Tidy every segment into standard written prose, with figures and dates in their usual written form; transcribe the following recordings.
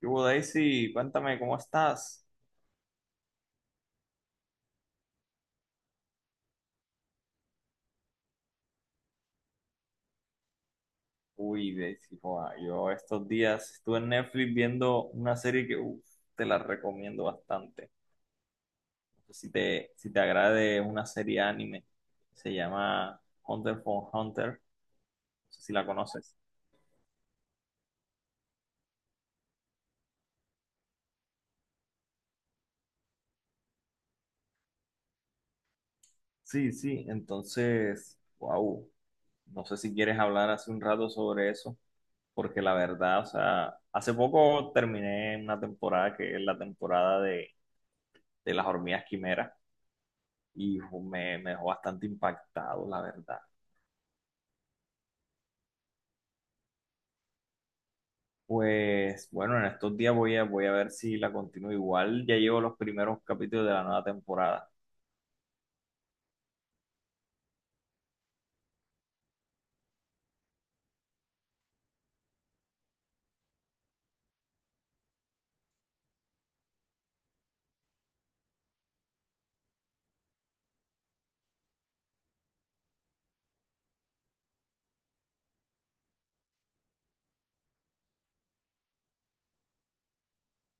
¿Qué hubo, Daisy? Cuéntame, ¿cómo estás? Uy, Daisy, joa, yo estos días estuve en Netflix viendo una serie que uf, te la recomiendo bastante. No sé si te agrade, es una serie anime. Se llama Hunter x Hunter. No sé si la conoces. Sí, sí, entonces, wow. No sé si quieres hablar hace un rato sobre eso, porque la verdad, o sea, hace poco terminé una temporada que es la temporada de las hormigas quimeras. Y me dejó bastante impactado, la verdad. Pues bueno, en estos días voy a ver si la continúo igual. Ya llevo los primeros capítulos de la nueva temporada.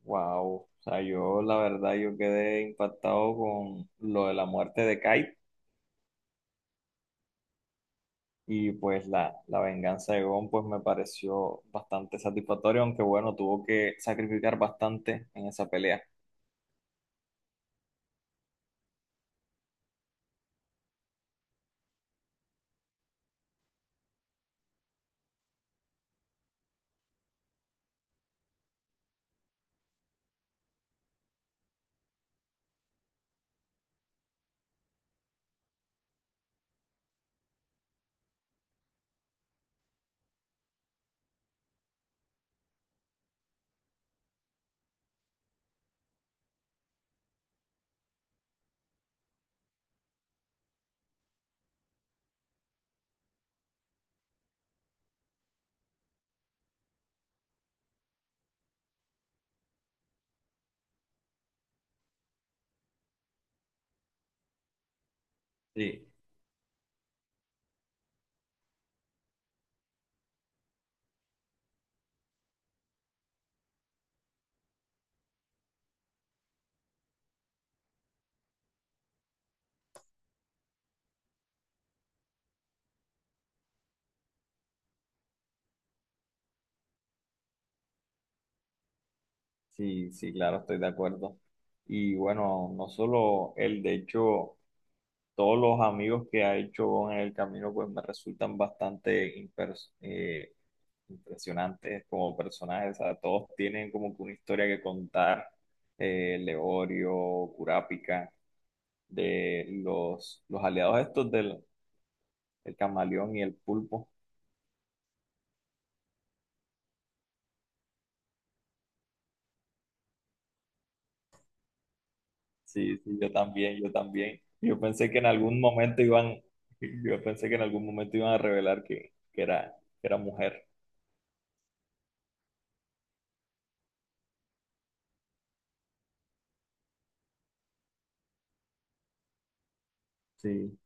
Wow, o sea, yo la verdad yo quedé impactado con lo de la muerte de Kite, y pues la venganza de Gon pues me pareció bastante satisfactorio, aunque bueno, tuvo que sacrificar bastante en esa pelea. Sí, sí, sí, claro, estoy de acuerdo. Y bueno, no solo él, de hecho, todos los amigos que ha hecho en el camino, pues me resultan bastante impresionantes como personajes. O sea, todos tienen como que una historia que contar. Leorio, Curápica, de los aliados estos del el camaleón y el pulpo. Sí, sí, yo también, yo también. Yo pensé que en algún momento iban, yo pensé que en algún momento iban a revelar que era mujer. Sí.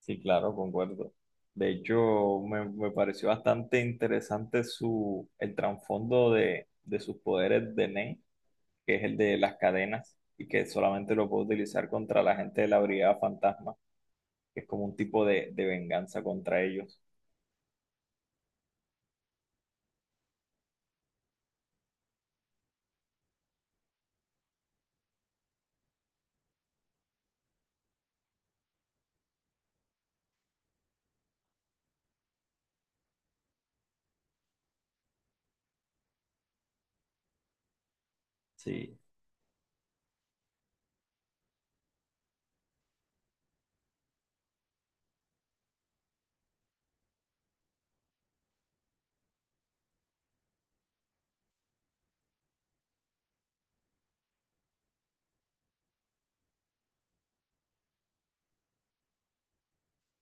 Sí, claro, concuerdo. De hecho, me pareció bastante interesante su, el trasfondo de sus poderes de Nen, que es el de las cadenas, y que solamente lo puede utilizar contra la gente de la Brigada Fantasma, que es como un tipo de venganza contra ellos. Sí,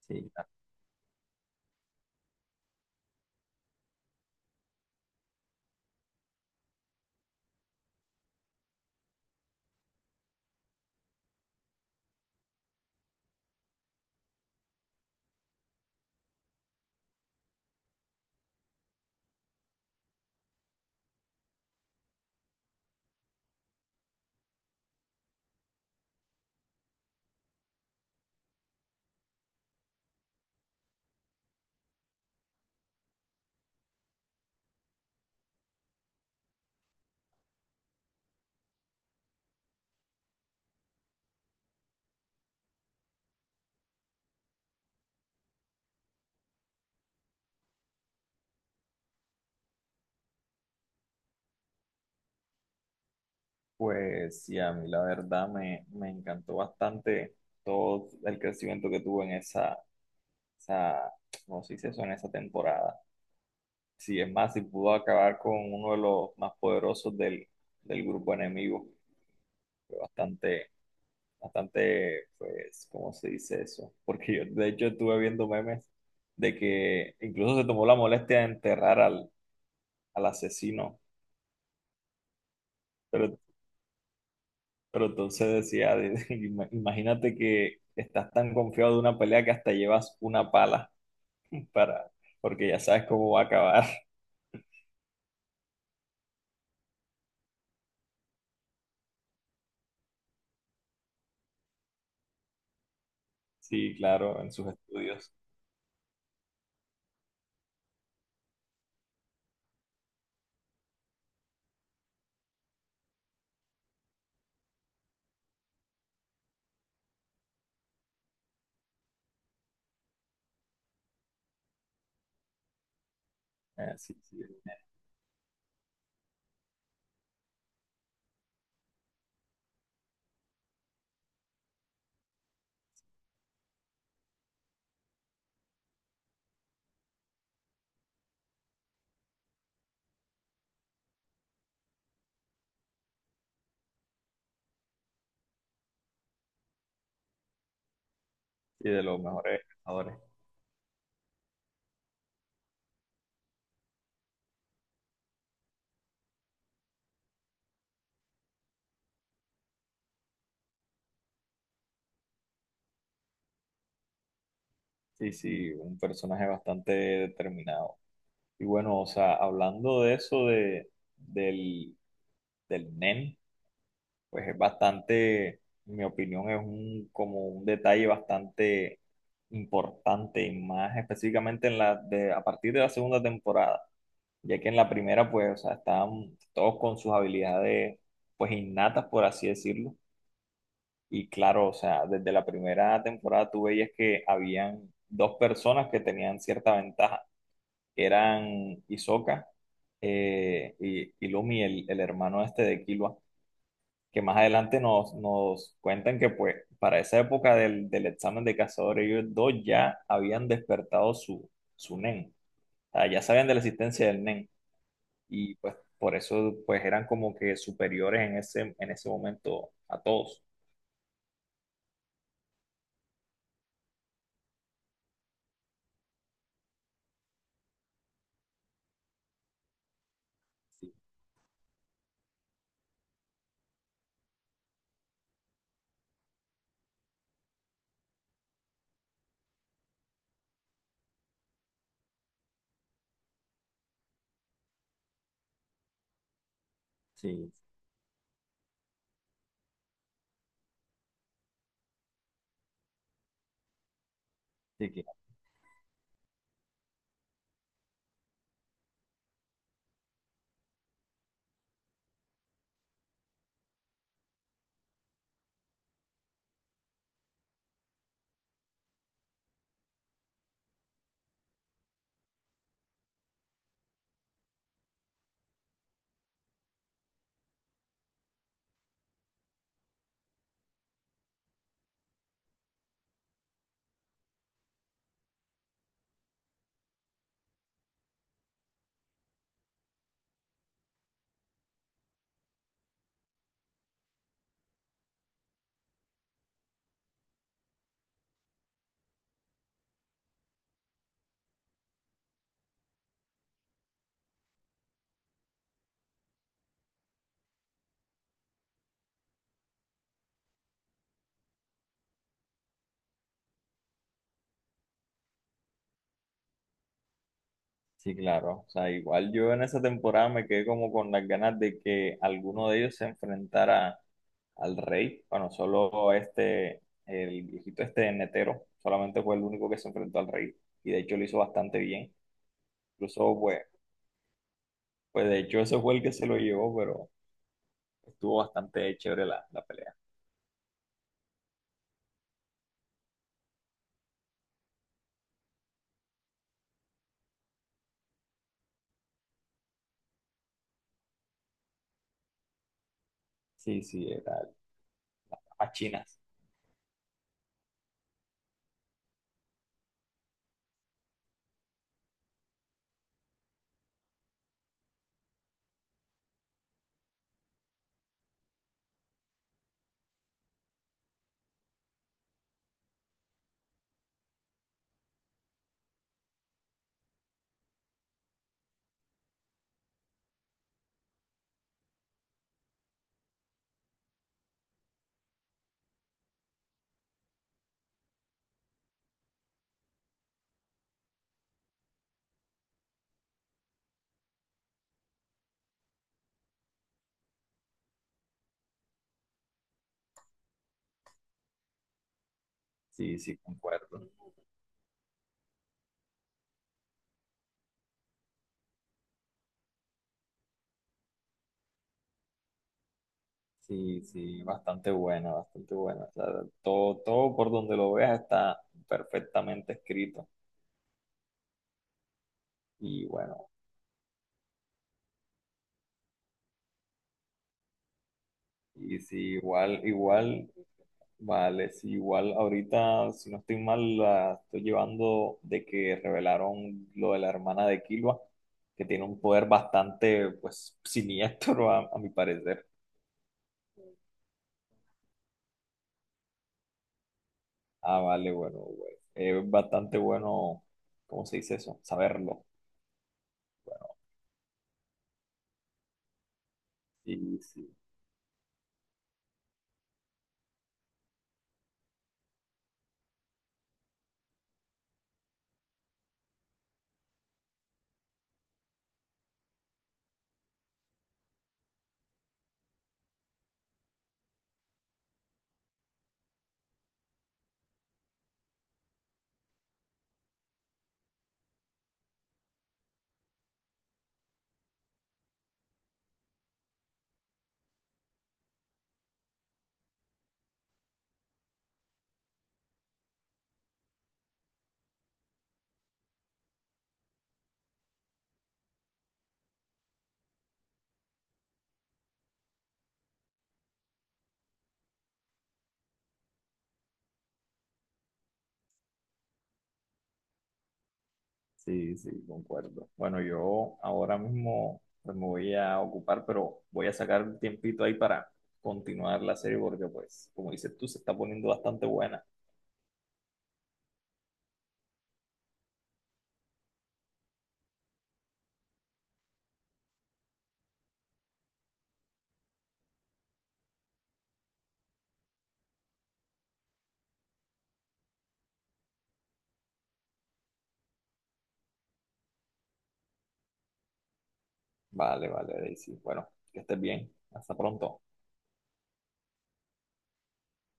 sí. Pues sí, a mí la verdad me encantó bastante todo el crecimiento que tuvo en esa, ¿cómo se dice eso? En esa temporada. Sí, es más, si pudo acabar con uno de los más poderosos del grupo enemigo. Fue bastante, bastante, pues, ¿cómo se dice eso? Porque yo, de hecho, estuve viendo memes de que incluso se tomó la molestia de enterrar al asesino. Pero, pero entonces decía, imagínate que estás tan confiado de una pelea que hasta llevas una pala para, porque ya sabes cómo va a acabar. Sí, claro, en sus estudios. Sí, sí, sí, de los mejores. Pescadores. Sí, sí, un personaje bastante determinado. Y bueno, o sea, hablando de eso de, del, del Nen, pues es bastante, en mi opinión, es un, como un detalle bastante importante y más específicamente en la de, a partir de la segunda temporada, ya que en la primera, pues, o sea, estaban todos con sus habilidades, pues, innatas, por así decirlo. Y claro, o sea, desde la primera temporada tú veías que habían dos personas que tenían cierta ventaja, eran Hisoka y Lumi, el hermano este de Killua, que más adelante nos cuentan que pues para esa época del examen de cazadores, ellos dos ya habían despertado su, su Nen, o sea, ya sabían de la existencia del Nen, y pues por eso pues eran como que superiores en ese momento a todos. Sí, sí, sí, claro. O sea, igual yo en esa temporada me quedé como con las ganas de que alguno de ellos se enfrentara al rey. Bueno, solo este, el viejito este netero, solamente fue el único que se enfrentó al rey. Y de hecho lo hizo bastante bien. Incluso, pues, pues de hecho ese fue el que se lo llevó, pero estuvo bastante chévere la pelea. Sí, sí, era a Chinas. Sí, sí, concuerdo. Sí, sí, bastante buena, bastante buena. O sea, todo, todo por donde lo veas está perfectamente escrito. Y bueno, y si igual, igual, vale, si igual ahorita, si no estoy mal, la estoy llevando de que revelaron lo de la hermana de Killua, que tiene un poder bastante, pues, siniestro a mi parecer. Ah, vale, bueno, güey. Es bastante bueno, ¿cómo se dice eso? Saberlo. Y sí. Sí, sí, concuerdo. Bueno, yo ahora mismo pues, me voy a ocupar, pero voy a sacar un tiempito ahí para continuar la serie porque, pues, como dices tú, se está poniendo bastante buena. Vale, vale, Daisy. Bueno, que estés bien. Hasta pronto.